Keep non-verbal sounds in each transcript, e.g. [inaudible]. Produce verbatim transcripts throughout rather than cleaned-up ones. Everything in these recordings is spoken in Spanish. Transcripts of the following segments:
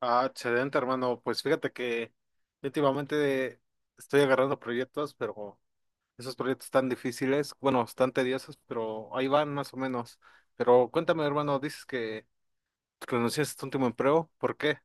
Ah, excelente, hermano. Pues fíjate que últimamente estoy agarrando proyectos, pero esos proyectos están difíciles, bueno, están tediosos, pero ahí van más o menos. Pero cuéntame, hermano, dices que renunciaste a tu último empleo, ¿por qué?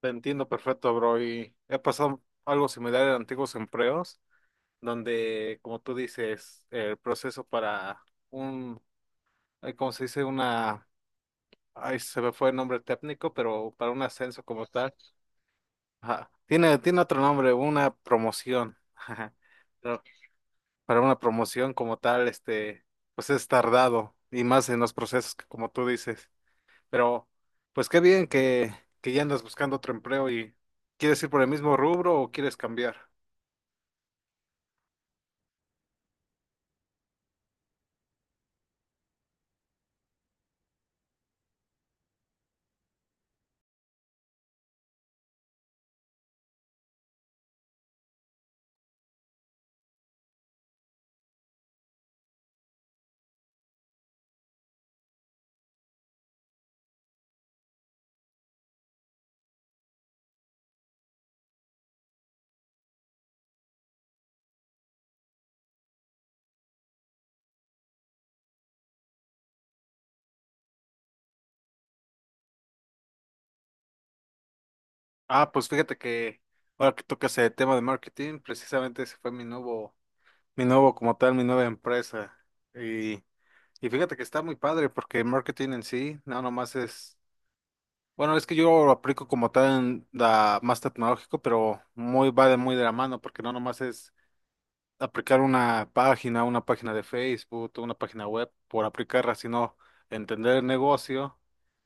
Te entiendo perfecto, bro, y he pasado algo similar en antiguos empleos, donde, como tú dices, el proceso para un, eh, ¿cómo se dice? Una, ahí se me fue el nombre técnico, pero para un ascenso como tal. Ajá. Tiene, tiene otro nombre, una promoción. [laughs] Ajá. Pero para una promoción como tal, este, pues es tardado y más en los procesos que como tú dices. Pero, pues qué bien que, que ya andas buscando otro empleo. ¿Y quieres ir por el mismo rubro o quieres cambiar? Ah, pues fíjate que ahora que tocas el tema de marketing, precisamente ese fue mi nuevo, mi nuevo como tal, mi nueva empresa. Y, y fíjate que está muy padre porque el marketing en sí, no nomás es... Bueno, es que yo lo aplico como tal en la más tecnológico, pero muy va de muy de la mano, porque no nomás es aplicar una página, una página de Facebook, una página web por aplicarla, sino entender el negocio,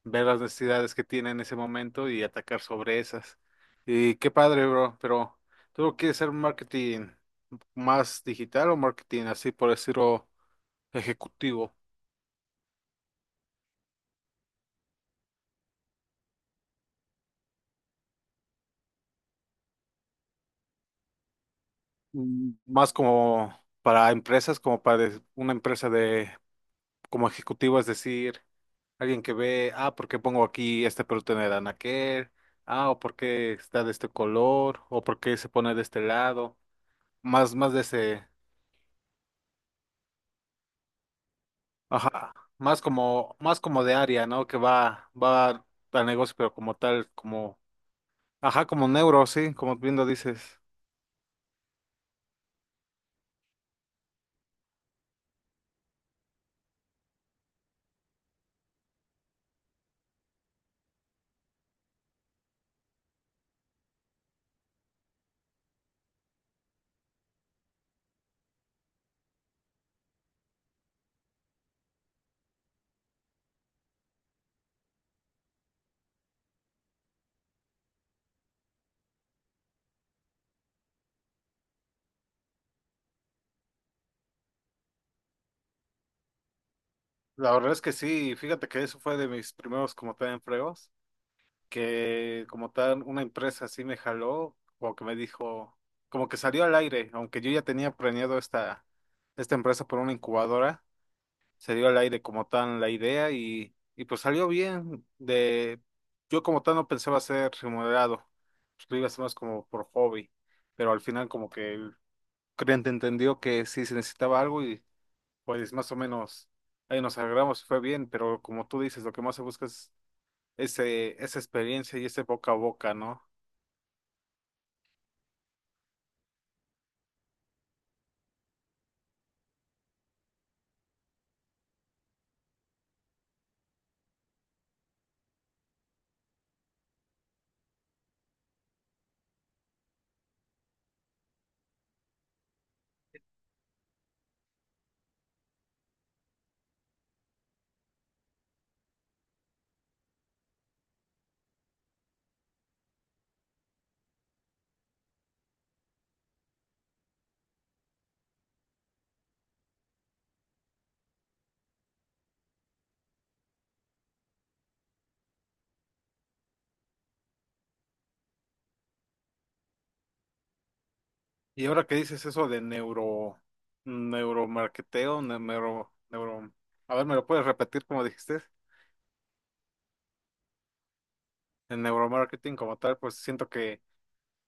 ver las necesidades que tiene en ese momento y atacar sobre esas. Y qué padre, bro, pero ¿tú quieres hacer marketing más digital o marketing así por decirlo ejecutivo? Mm, Más como para empresas, como para des- una empresa de como ejecutivo, es decir, alguien que ve, ah, ¿por qué pongo aquí este producto en el anaquel? Ah, o por qué está de este color, o por qué se pone de este lado, más, más de ese, ajá, más como, más como de área, ¿no? Que va, va al negocio, pero como tal, como, ajá, como neuro, sí, como bien lo dices. La verdad es que sí, fíjate que eso fue de mis primeros como tal empleos. Que como tal una empresa así me jaló, o que me dijo, como que salió al aire, aunque yo ya tenía planeado esta, esta empresa por una incubadora, salió al aire como tal la idea y, y pues salió bien. De, yo como tal no pensaba ser remunerado, pues lo iba a hacer más como por hobby, pero al final como que el cliente entendió que sí se necesitaba algo y pues más o menos ahí nos agarramos y fue bien, pero como tú dices, lo que más se busca es ese, esa experiencia y ese boca a boca, ¿no? Y ahora que dices eso de neuro, neuromarketeo, ne- neuro, neuro, a ver, ¿me lo puedes repetir como dijiste? El neuromarketing como tal, pues siento que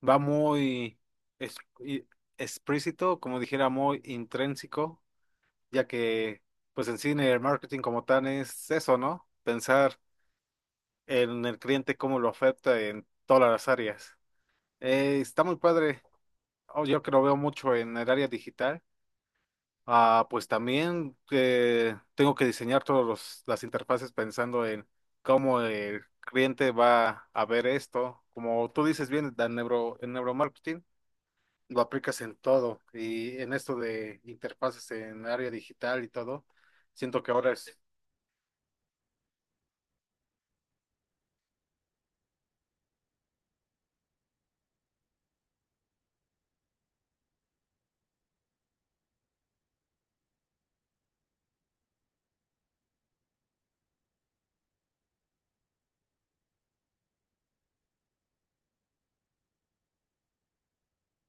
va muy es- y- explícito, como dijera, muy intrínseco, ya que pues en cine el marketing como tal es eso, ¿no? Pensar en el cliente, cómo lo afecta en todas las áreas. Eh, está muy padre. Oh, yo que lo veo mucho en el área digital. Ah, pues también eh, tengo que diseñar todas las interfaces pensando en cómo el cliente va a ver esto. Como tú dices bien, el neuro, el neuromarketing lo aplicas en todo y en esto de interfaces en área digital y todo. Siento que ahora es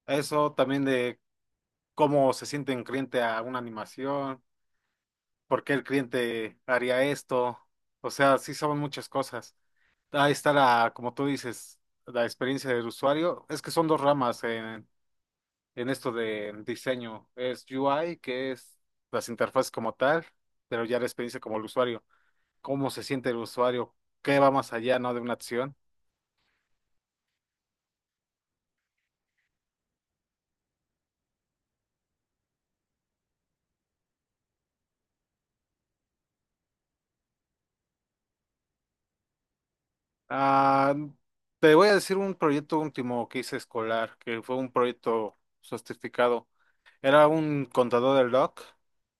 eso también de cómo se siente un cliente a una animación, por qué el cliente haría esto. O sea, sí son muchas cosas. Ahí está la, como tú dices, la experiencia del usuario. Es que son dos ramas en, en esto de diseño. Es U I, que es las interfaces como tal, pero ya la experiencia como el usuario. ¿Cómo se siente el usuario? ¿Qué va más allá, no, de una acción? Ah, te voy a decir un proyecto último que hice escolar, que fue un proyecto certificado. Era un contador de log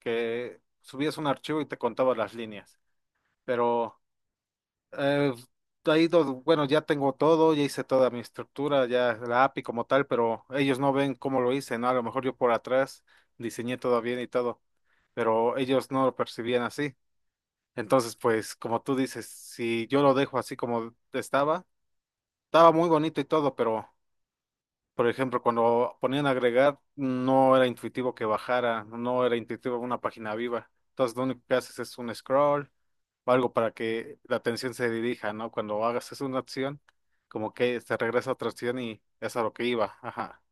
que subías un archivo y te contaba las líneas, pero... Eh, ha ido, bueno, ya tengo todo, ya hice toda mi estructura, ya la A P I como tal, pero ellos no ven cómo lo hice, ¿no? A lo mejor yo por atrás diseñé todo bien y todo, pero ellos no lo percibían así. Entonces, pues, como tú dices, si yo lo dejo así como estaba, estaba muy bonito y todo, pero por ejemplo, cuando ponían agregar, no era intuitivo que bajara, no era intuitivo una página viva. Entonces, lo único que haces es un scroll o algo para que la atención se dirija, ¿no? Cuando hagas es una acción, como que se regresa a otra acción y es a lo que iba. Ajá.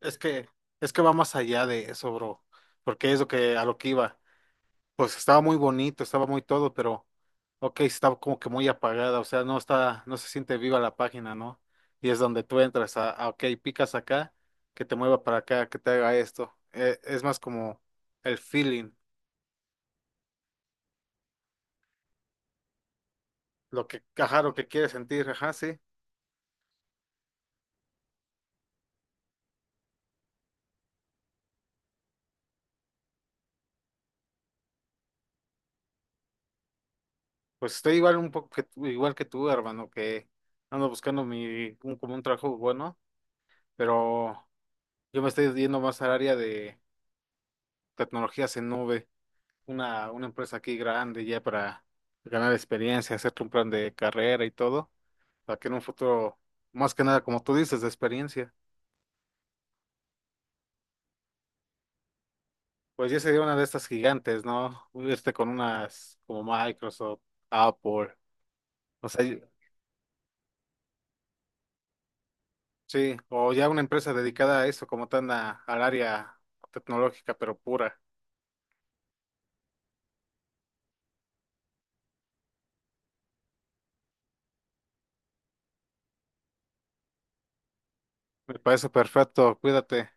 Es que, es que va más allá de eso, bro, porque es lo que a lo que iba. Pues estaba muy bonito, estaba muy todo, pero ok, estaba como que muy apagada, o sea, no está, no se siente viva la página, ¿no? Y es donde tú entras a, a, ok, picas acá, que te mueva para acá, que te haga esto. Eh, es más como el feeling, lo que, ajá, lo que quieres sentir, ajá, sí. Pues estoy igual un poco que, tú- igual que tú, hermano, que ando buscando mi, un, como un trabajo bueno, pero yo me estoy yendo más al área de tecnologías en nube. una, una empresa aquí grande ya para ganar experiencia, hacerte un plan de carrera y todo, para que en un futuro, más que nada, como tú dices, de experiencia, pues ya sería una de estas gigantes, ¿no? Irte con unas como Microsoft, Apple, o sea, y- sí, o ya una empresa dedicada a eso, como tan a- al área tecnológica, pero pura. Me parece perfecto, cuídate.